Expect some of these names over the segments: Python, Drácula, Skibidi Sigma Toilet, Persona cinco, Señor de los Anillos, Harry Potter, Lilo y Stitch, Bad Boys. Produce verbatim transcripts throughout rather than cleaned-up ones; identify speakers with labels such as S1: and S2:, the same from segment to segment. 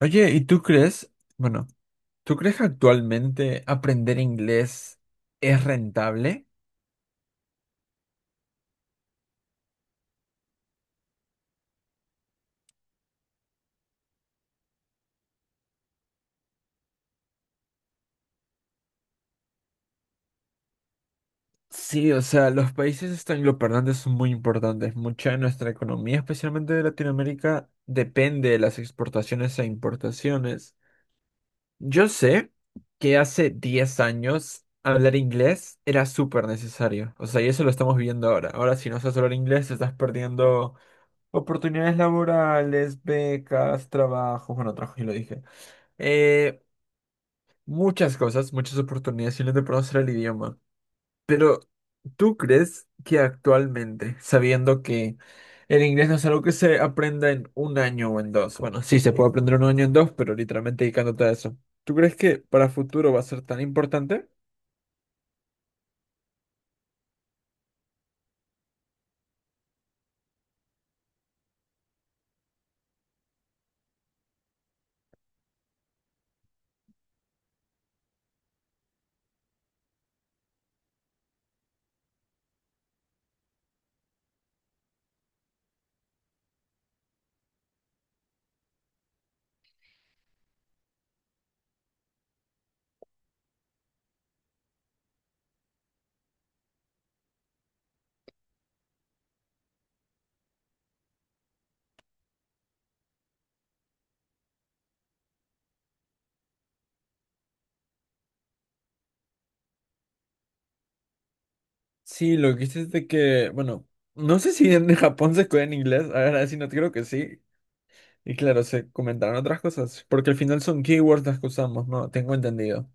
S1: Oye, ¿y tú crees, bueno, tú crees que actualmente aprender inglés es rentable? Sí, o sea, los países este, angloparlantes son muy importantes. Mucha de nuestra economía, especialmente de Latinoamérica, depende de las exportaciones e importaciones. Yo sé que hace diez años hablar inglés era súper necesario. O sea, y eso lo estamos viendo ahora. Ahora, si no sabes hablar inglés, estás perdiendo oportunidades laborales, becas, trabajos, bueno, trabajos, y lo dije. Eh, Muchas cosas, muchas oportunidades y no de conocer el idioma. Pero, ¿tú crees que actualmente, sabiendo que el inglés no es algo que se aprenda en un año o en dos, bueno, sí, se puede aprender en un año o en dos, pero literalmente dedicándote a eso, tú crees que para futuro va a ser tan importante? Sí, lo que dices de que, bueno, no sé si en Japón se escuela en inglés, ahora sí, no creo que sí. Y claro, se comentarán otras cosas, porque al final son keywords las que usamos, ¿no? Tengo entendido.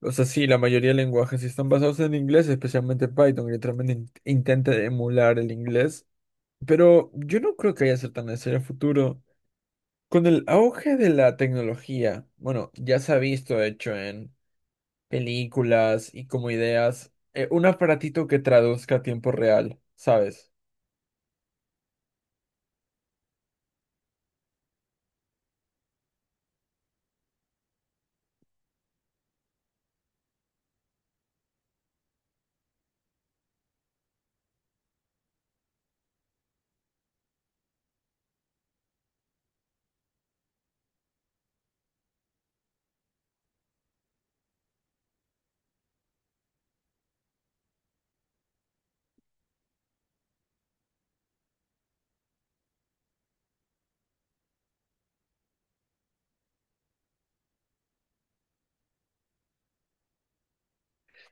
S1: O sea, sí, la mayoría de lenguajes sí están basados en inglés, especialmente Python, que literalmente in- intenta emular el inglés. Pero yo no creo que vaya a ser tan necesario en el futuro. Con el auge de la tecnología, bueno, ya se ha visto, de hecho, en películas y como ideas, eh, un aparatito que traduzca a tiempo real, ¿sabes?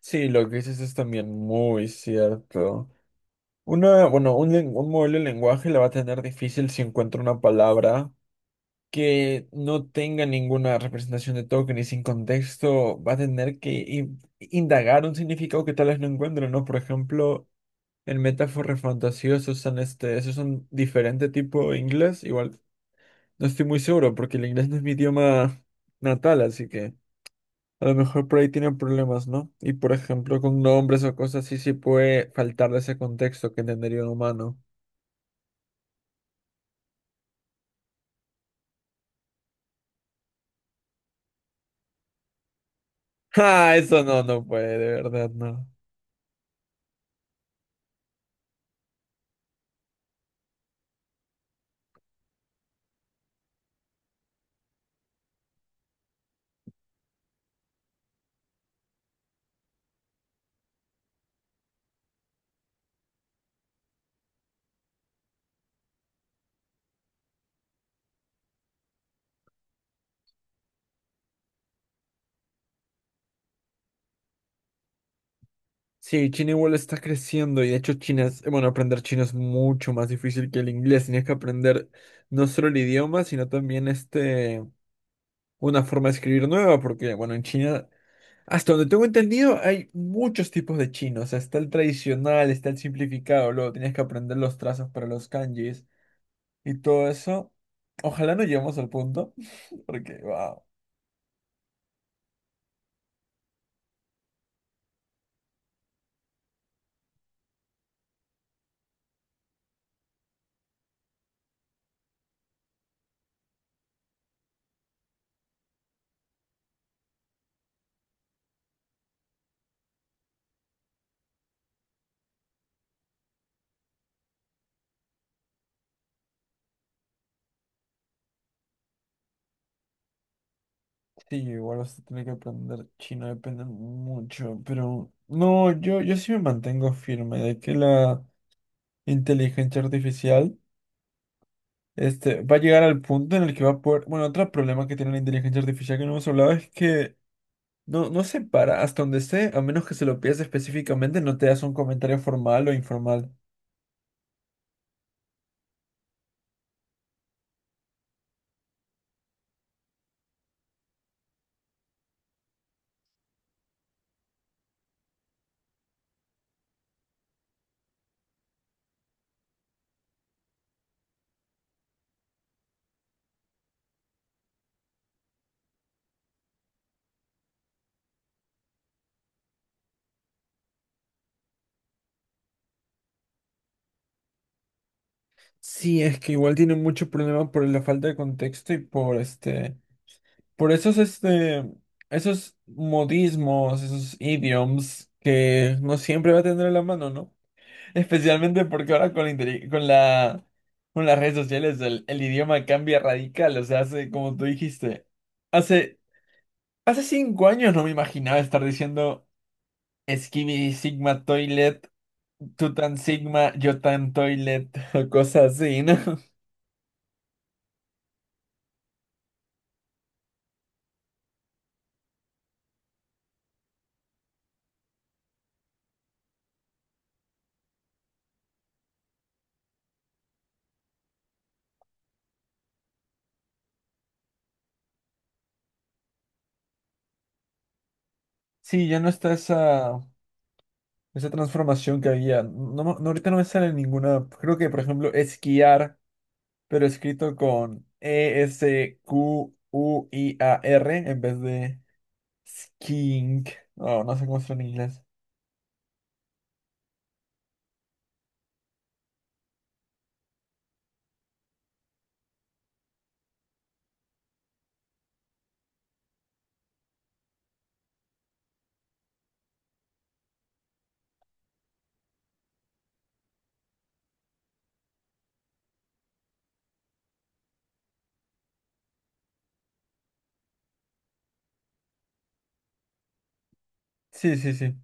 S1: Sí, lo que dices es también muy cierto. Una, bueno, un, len- un modelo de lenguaje la va a tener difícil si encuentra una palabra que no tenga ninguna representación de token y sin contexto va a tener que in- indagar un significado que tal vez no encuentre, ¿no? Por ejemplo, en metáforas fantasiosas usan este, esos son diferente tipo de inglés, igual no estoy muy seguro porque el inglés no es mi idioma natal, así que a lo mejor por ahí tienen problemas, ¿no? Y por ejemplo, con nombres o cosas así sí puede faltar de ese contexto que entendería un humano. ¡Ja! Eso no, no puede, de verdad, no. Sí, China igual está creciendo y de hecho China es, eh, bueno, aprender chino es mucho más difícil que el inglés. Tienes que aprender no solo el idioma, sino también este, una forma de escribir nueva, porque bueno, en China, hasta donde tengo entendido, hay muchos tipos de chino. O sea, está el tradicional, está el simplificado, luego tienes que aprender los trazos para los kanjis y todo eso. Ojalá no lleguemos al punto, porque wow. Sí, igual vas a tener que aprender chino, depende mucho, pero no, yo, yo sí me mantengo firme de que la inteligencia artificial este, va a llegar al punto en el que va a poder... Bueno, otro problema que tiene la inteligencia artificial que no hemos hablado es que no, no se para hasta donde esté, a menos que se lo pidas específicamente, no te das un comentario formal o informal. Sí, es que igual tiene mucho problema por la falta de contexto y por este, por esos este, esos modismos, esos idioms que no siempre va a tener a la mano, ¿no? Especialmente porque ahora con la, inteli- con la, con las redes sociales el, el idioma cambia radical, o sea, hace, como tú dijiste, hace, hace cinco años no me imaginaba estar diciendo Skibidi Sigma Toilet, Tutan Sigma, Yotan Toilet, o cosas así, ¿no? Sí, ya no está esa, esa transformación que había. No, me- no, ahorita no me sale ninguna. Creo que, por ejemplo, esquiar, pero escrito con E S Q U I A R en vez de skiing. No, no sé cómo está en inglés. Sí, sí, sí.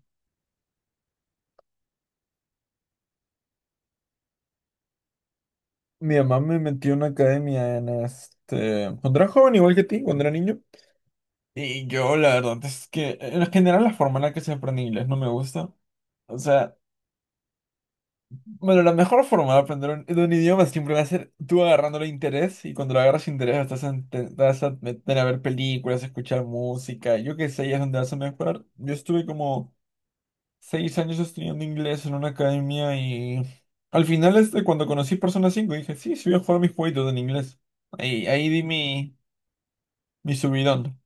S1: Mi mamá me metió en una academia en este. Cuando era joven, igual que ti, cuando era niño. Y yo, la verdad es que en general la forma en la que se aprende inglés no me gusta. O sea. Bueno, la mejor forma de aprender un, de un idioma siempre va a ser tú agarrándole interés y cuando le agarras interés estás a, te vas a meter a ver películas, a escuchar música, yo qué sé, ahí es donde vas a mejorar. Yo estuve como seis años estudiando inglés en una academia y al final este, cuando conocí Persona cinco dije, sí, sí voy a jugar mis jueguitos en inglés. Ahí, ahí di mi, mi subidón.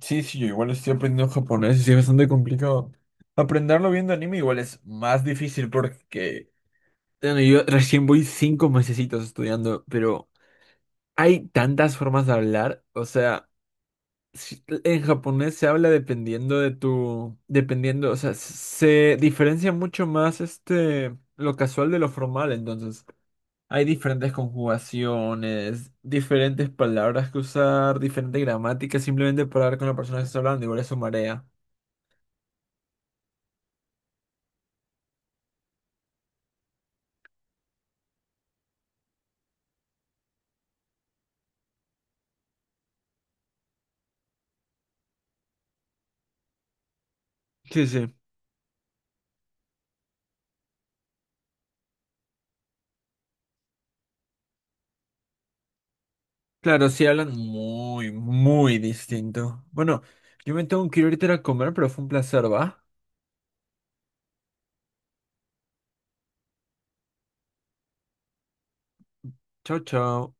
S1: Sí, sí, yo igual estoy aprendiendo japonés y sí, es bastante complicado. Aprenderlo viendo anime igual es más difícil porque bueno, yo recién voy cinco mesecitos estudiando, pero hay tantas formas de hablar. O sea, si- en japonés se habla dependiendo de tu, dependiendo, o sea, se diferencia mucho más este lo casual de lo formal. Entonces, hay diferentes conjugaciones, diferentes palabras que usar, diferente gramática, simplemente para hablar con la persona que está hablando. Igual eso marea. Sí, sí. Claro, sí hablan muy, muy distinto. Bueno, yo me tengo que ir ahorita a comer, pero fue un placer, ¿va? Chao, chao.